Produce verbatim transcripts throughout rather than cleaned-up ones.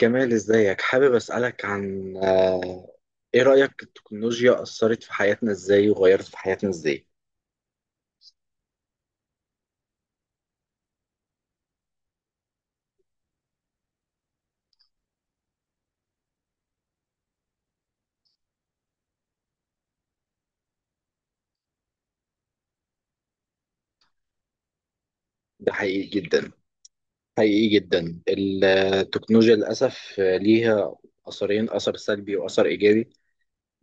كمال، ازيك؟ حابب اسألك عن آه، ايه رأيك التكنولوجيا أثرت في حياتنا ازاي وغيرت في حياتنا ازاي؟ ده حقيقي جدا. حقيقي جدا، التكنولوجيا للأسف ليها أثرين: أثر سلبي وأثر إيجابي.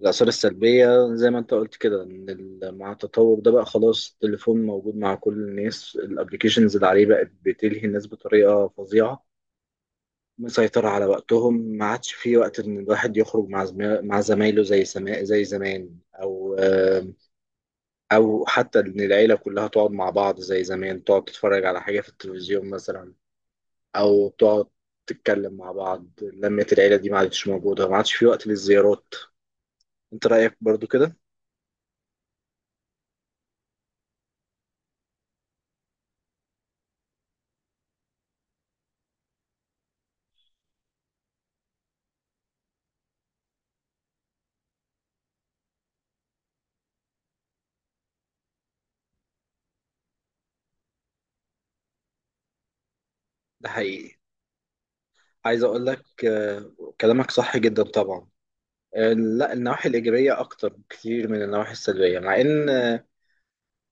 الآثار السلبية زي ما انت قلت كده ان ال- مع التطور ده بقى خلاص التليفون موجود مع كل الناس، الابليكيشنز اللي عليه بقت بتلهي الناس بطريقة فظيعة، مسيطرة على وقتهم. ما عادش في وقت إن الواحد يخرج مع زما- مع زمايله زي سما... زي زمان، أو آم، أو حتى إن العيلة كلها تقعد مع بعض زي زمان، تقعد تتفرج على حاجة في التلفزيون مثلا، أو تقعد تتكلم مع بعض. لمة العيلة دي ما عادش موجودة، ما عادش في وقت للزيارات. أنت رأيك برضو كده؟ ده حقيقي. عايز أقول لك آه، كلامك صح جدا طبعا. آه، لا، النواحي الإيجابية أكتر بكتير من النواحي السلبية. مع إن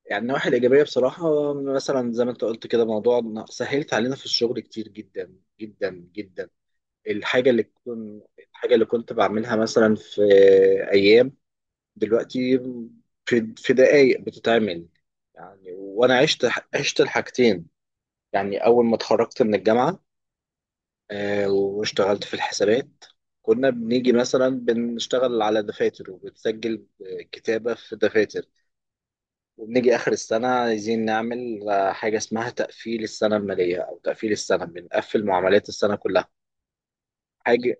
يعني النواحي الإيجابية بصراحة، مثلا زي ما أنت قلت كده، موضوع إن سهلت علينا في الشغل كتير جدا جدا جدا. الحاجة اللي كنت الحاجة اللي كنت بعملها مثلا في أيام، دلوقتي في في دقايق بتتعمل. يعني وأنا عشت عشت الحاجتين. يعني أول ما اتخرجت من الجامعة آه، واشتغلت في الحسابات، كنا بنيجي مثلا بنشتغل على دفاتر وبنسجل كتابة في دفاتر، وبنيجي آخر السنة عايزين نعمل آه، حاجة اسمها تقفيل السنة المالية أو تقفيل السنة، بنقفل معاملات السنة كلها. حاجة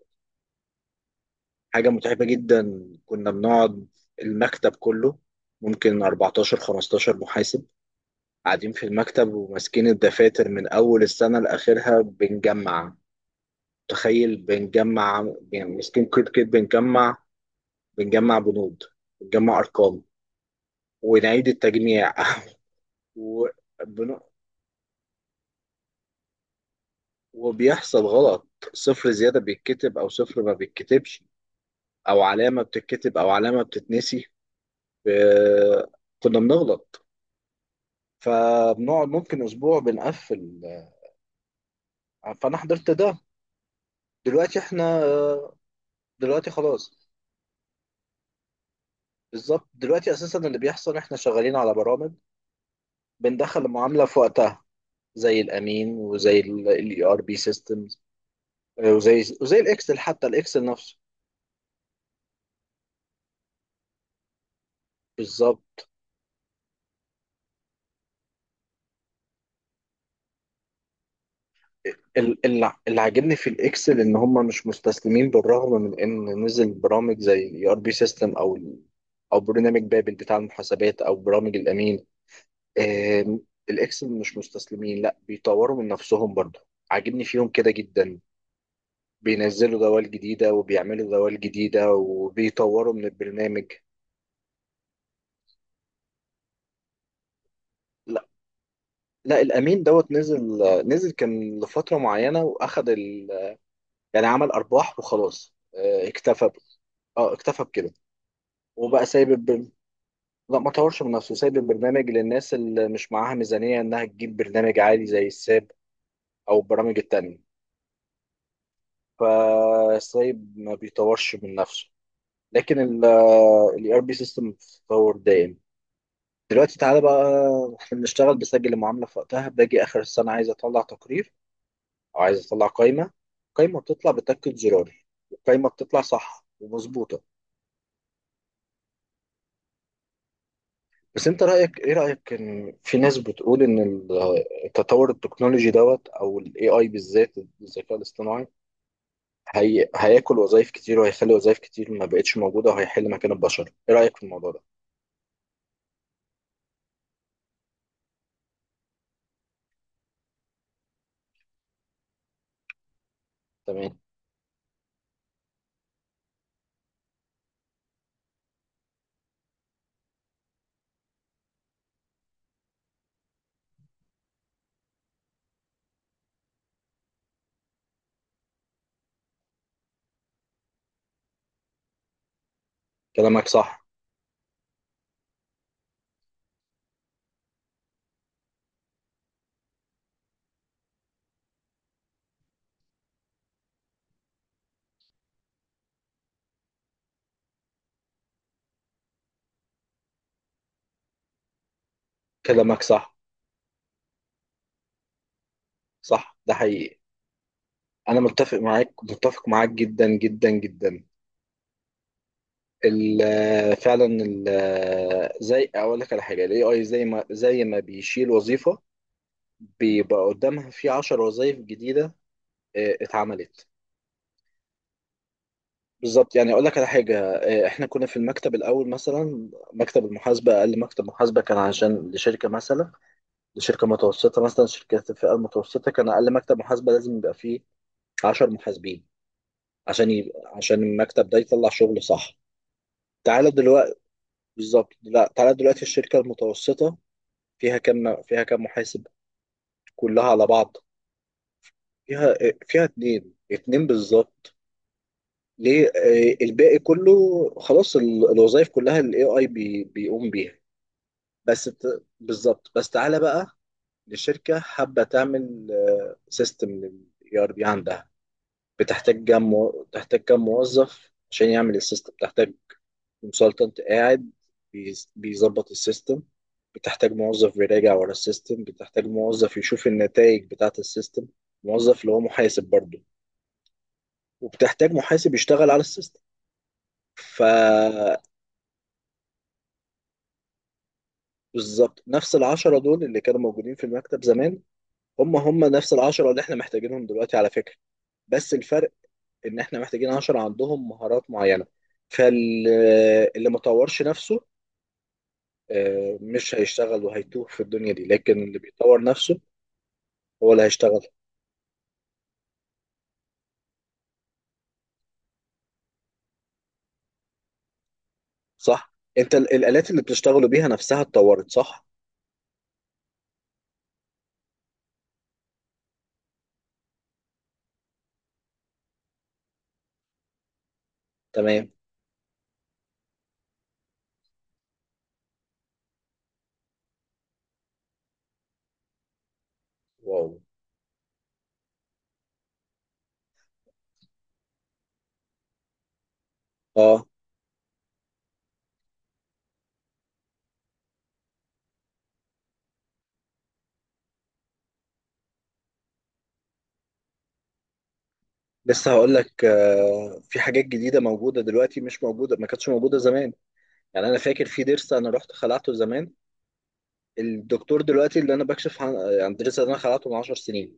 حاجة متعبة جدا. كنا بنقعد المكتب كله، ممكن أربعتاشر خمستاشر محاسب قاعدين في المكتب وماسكين الدفاتر من أول السنة لآخرها بنجمع. تخيل، بنجمع يعني ماسكين كود كده بنجمع، بنجمع بنود، بنجمع أرقام، ونعيد التجميع و... وبيحصل غلط: صفر زيادة بيتكتب أو صفر ما بيتكتبش، أو علامة بتتكتب أو علامة بتتنسي. ب- كنا بنغلط، فبنقعد ممكن أسبوع بنقفل. آه، فأنا حضرت ده. دلوقتي إحنا آه، دلوقتي خلاص. بالظبط، دلوقتي أساسا اللي بيحصل إحنا شغالين على برامج، بندخل المعاملة في وقتها، زي الأمين وزي ال إي آر بي systems، آه، وزي وزي الإكسل، حتى الإكسل نفسه بالظبط. ال- ال- اللي عاجبني في الاكسل ان هم مش مستسلمين، بالرغم من ان نزل برامج زي الاي ار بي سيستم او ال- او برنامج بابل بتاع المحاسبات او برامج الامين. آم، الاكسل مش مستسلمين، لا بيطوروا من نفسهم برضه. عاجبني فيهم كده جدا، بينزلوا دوال جديده وبيعملوا دوال جديده وبيطوروا من البرنامج. لا لا، الامين دوت نزل نزل، كان لفتره معينه واخد ال... يعني عمل ارباح وخلاص. آه، اكتفى ب- اه، اكتفى بكده. وبقى سايب البر... لا، ما طورش من نفسه. سايب البرنامج للناس اللي مش معاها ميزانية انها تجيب برنامج عالي زي الساب او البرامج التانية. فسايب، ما بيطورش من نفسه. لكن ال ار بي سيستم بتتطور دايم. دلوقتي تعالى بقى، احنا بنشتغل بسجل المعاملة في وقتها، باجي اخر السنة عايز اطلع تقرير او عايز اطلع قائمة. القائمة بتطلع، بتاكد زرار، القائمة بتطلع صح ومظبوطة. بس انت رأيك، ايه رأيك ان في ناس بتقول ان ال- التطور التكنولوجي دوت، او الاي اي بالذات، الذكاء الاصطناعي، هي هياكل وظائف كتير وهيخلي وظائف كتير ما بقتش موجودة وهيحل مكان البشر؟ ايه رأيك في الموضوع ده؟ تمام. كلامك صح، كلامك صح. صح، ده حقيقي. انا متفق معاك، متفق معاك جدا جدا جدا. ال- فعلا، ال- زي اقول لك على حاجة: الاي اي زي ما زي ما بيشيل وظيفة بيبقى قدامها في عشر وظائف جديدة اه، اتعملت. بالظبط. يعني اقول لك على حاجه، آه، احنا كنا في المكتب الاول. مثلا مكتب المحاسبه، اقل مكتب محاسبه كان عشان لشركه مثلا لشركه متوسطه، مثلا شركات الفئه المتوسطه، كان اقل مكتب محاسبه لازم يبقى فيه عشر محاسبين، عشان يبقى، عشان المكتب ده يطلع شغل صح. تعالى دلوقتي بالظبط. لا، تعالى دلوقتي الشركه المتوسطه فيها كام فيها كام محاسب كلها على بعض؟ فيها فيها اتنين، اتنين بالظبط. ليه؟ آه، الباقي كله خلاص، ال- الوظائف كلها الاي اي بيقوم بيها. بس بت... بالظبط. بس تعالى بقى، لشركة حابة تعمل سيستم للاي ار بي عندها، بتحتاج كام مو... بتحتاج كام موظف عشان يعمل السيستم؟ بتحتاج كونسلتنت قاعد بيز- بيظبط السيستم، بتحتاج موظف بيراجع ورا السيستم، بتحتاج موظف يشوف النتائج بتاعة السيستم، موظف اللي هو محاسب برضه، وبتحتاج محاسب يشتغل على السيستم. فبالظبط، نفس العشرة دول اللي كانوا موجودين في المكتب زمان، هم هم نفس العشرة اللي احنا محتاجينهم دلوقتي على فكرة. بس الفرق ان احنا محتاجين عناصر عندهم مهارات معينه. فاللي ما طورش نفسه آه، مش هيشتغل وهيتوه في الدنيا دي، لكن اللي بيطور نفسه هو اللي هيشتغل. صح. انت ال- الالات اللي بتشتغلوا بيها نفسها اتطورت صح؟ تمام. واو. اه. لسه هقول لك آه، في حاجات جديده موجوده دلوقتي، مش موجوده، ما كانتش موجوده زمان. يعني انا فاكر في ضرس انا رحت خلعته زمان. الدكتور دلوقتي اللي انا بكشف عن عن ضرس انا خلعته من عشر سنين،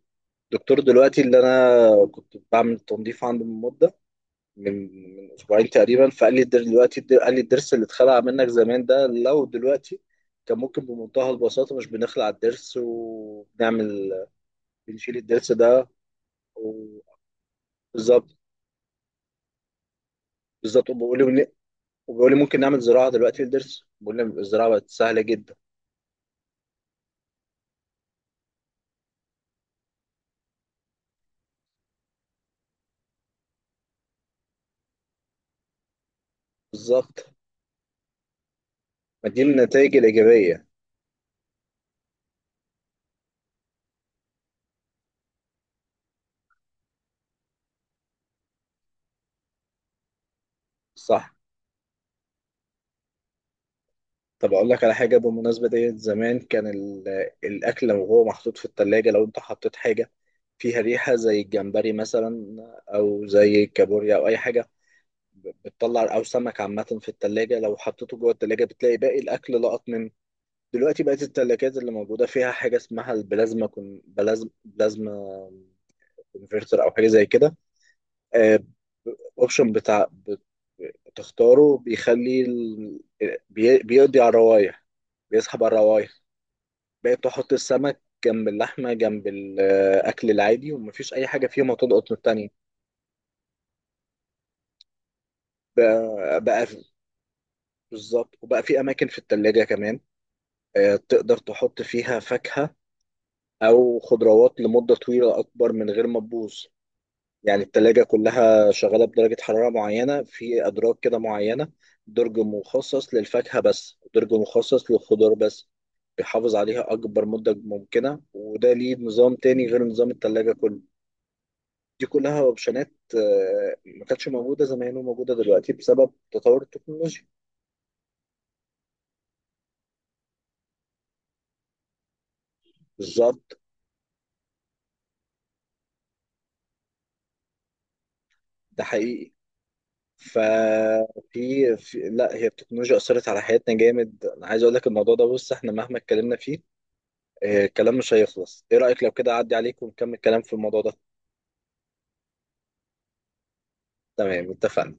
دكتور دلوقتي اللي انا كنت بعمل تنظيف عنده من مده، من من اسبوعين تقريبا، فقال لي الدر- دلوقتي الدر- قال لي الضرس اللي اتخلع منك زمان ده لو دلوقتي كان ممكن بمنتهى البساطه، مش بنخلع الضرس وبنعمل، بنشيل الضرس ده. و- بالظبط. بالظبط. وبيقول لي ون- وبيقول لي ممكن نعمل زراعه دلوقتي للضرس، بقول لي الزراعه بقت سهله جدا. بالظبط. ما دي النتائج الايجابيه. صح. طب اقول لك على حاجه بالمناسبه ديت: زمان كان ال- الاكل لو هو محطوط في التلاجة، لو انت حطيت حاجه فيها ريحه زي الجمبري مثلا، او زي الكابوريا او اي حاجه، ب- بتطلع، او سمك عامه في التلاجة، لو حطيته جوه التلاجة بتلاقي باقي الاكل لقط منه. دلوقتي بقت التلاجات اللي موجوده فيها حاجه اسمها البلازما كون، بلازما بلازما كونفرتر او حاجه زي كده، اوبشن بتاع بت- بتختاره، بيخلي ال... بي... بيقضي على الروايح، بيسحب على الروايح. بقيت احط السمك جنب اللحمه جنب الاكل العادي ومفيش اي حاجه فيهم هتضغط من التانيه. بقى, بقى بالظبط. وبقى في اماكن في التلاجة كمان آه، تقدر تحط فيها فاكهه او خضروات لمده طويله اكبر من غير ما تبوظ. يعني التلاجة كلها شغاله بدرجه حراره معينه، في ادراج كده معينه: درج مخصص للفاكهه بس، درج مخصص للخضار بس، بيحافظ عليها اكبر مده ممكنه، وده ليه نظام تاني غير نظام التلاجة كله. دي كلها اوبشنات آه، ما كانتش موجوده زمان وموجوده دلوقتي بسبب تطور التكنولوجيا. بالظبط. ده حقيقي. ففي في لا، هي التكنولوجيا اثرت على حياتنا جامد. انا عايز اقول لك الموضوع ده، بص، احنا مهما اتكلمنا فيه آه، الكلام مش هيخلص. ايه رايك لو كده اعدي عليك ونكمل كلام في الموضوع ده؟ تمام، اتفقنا.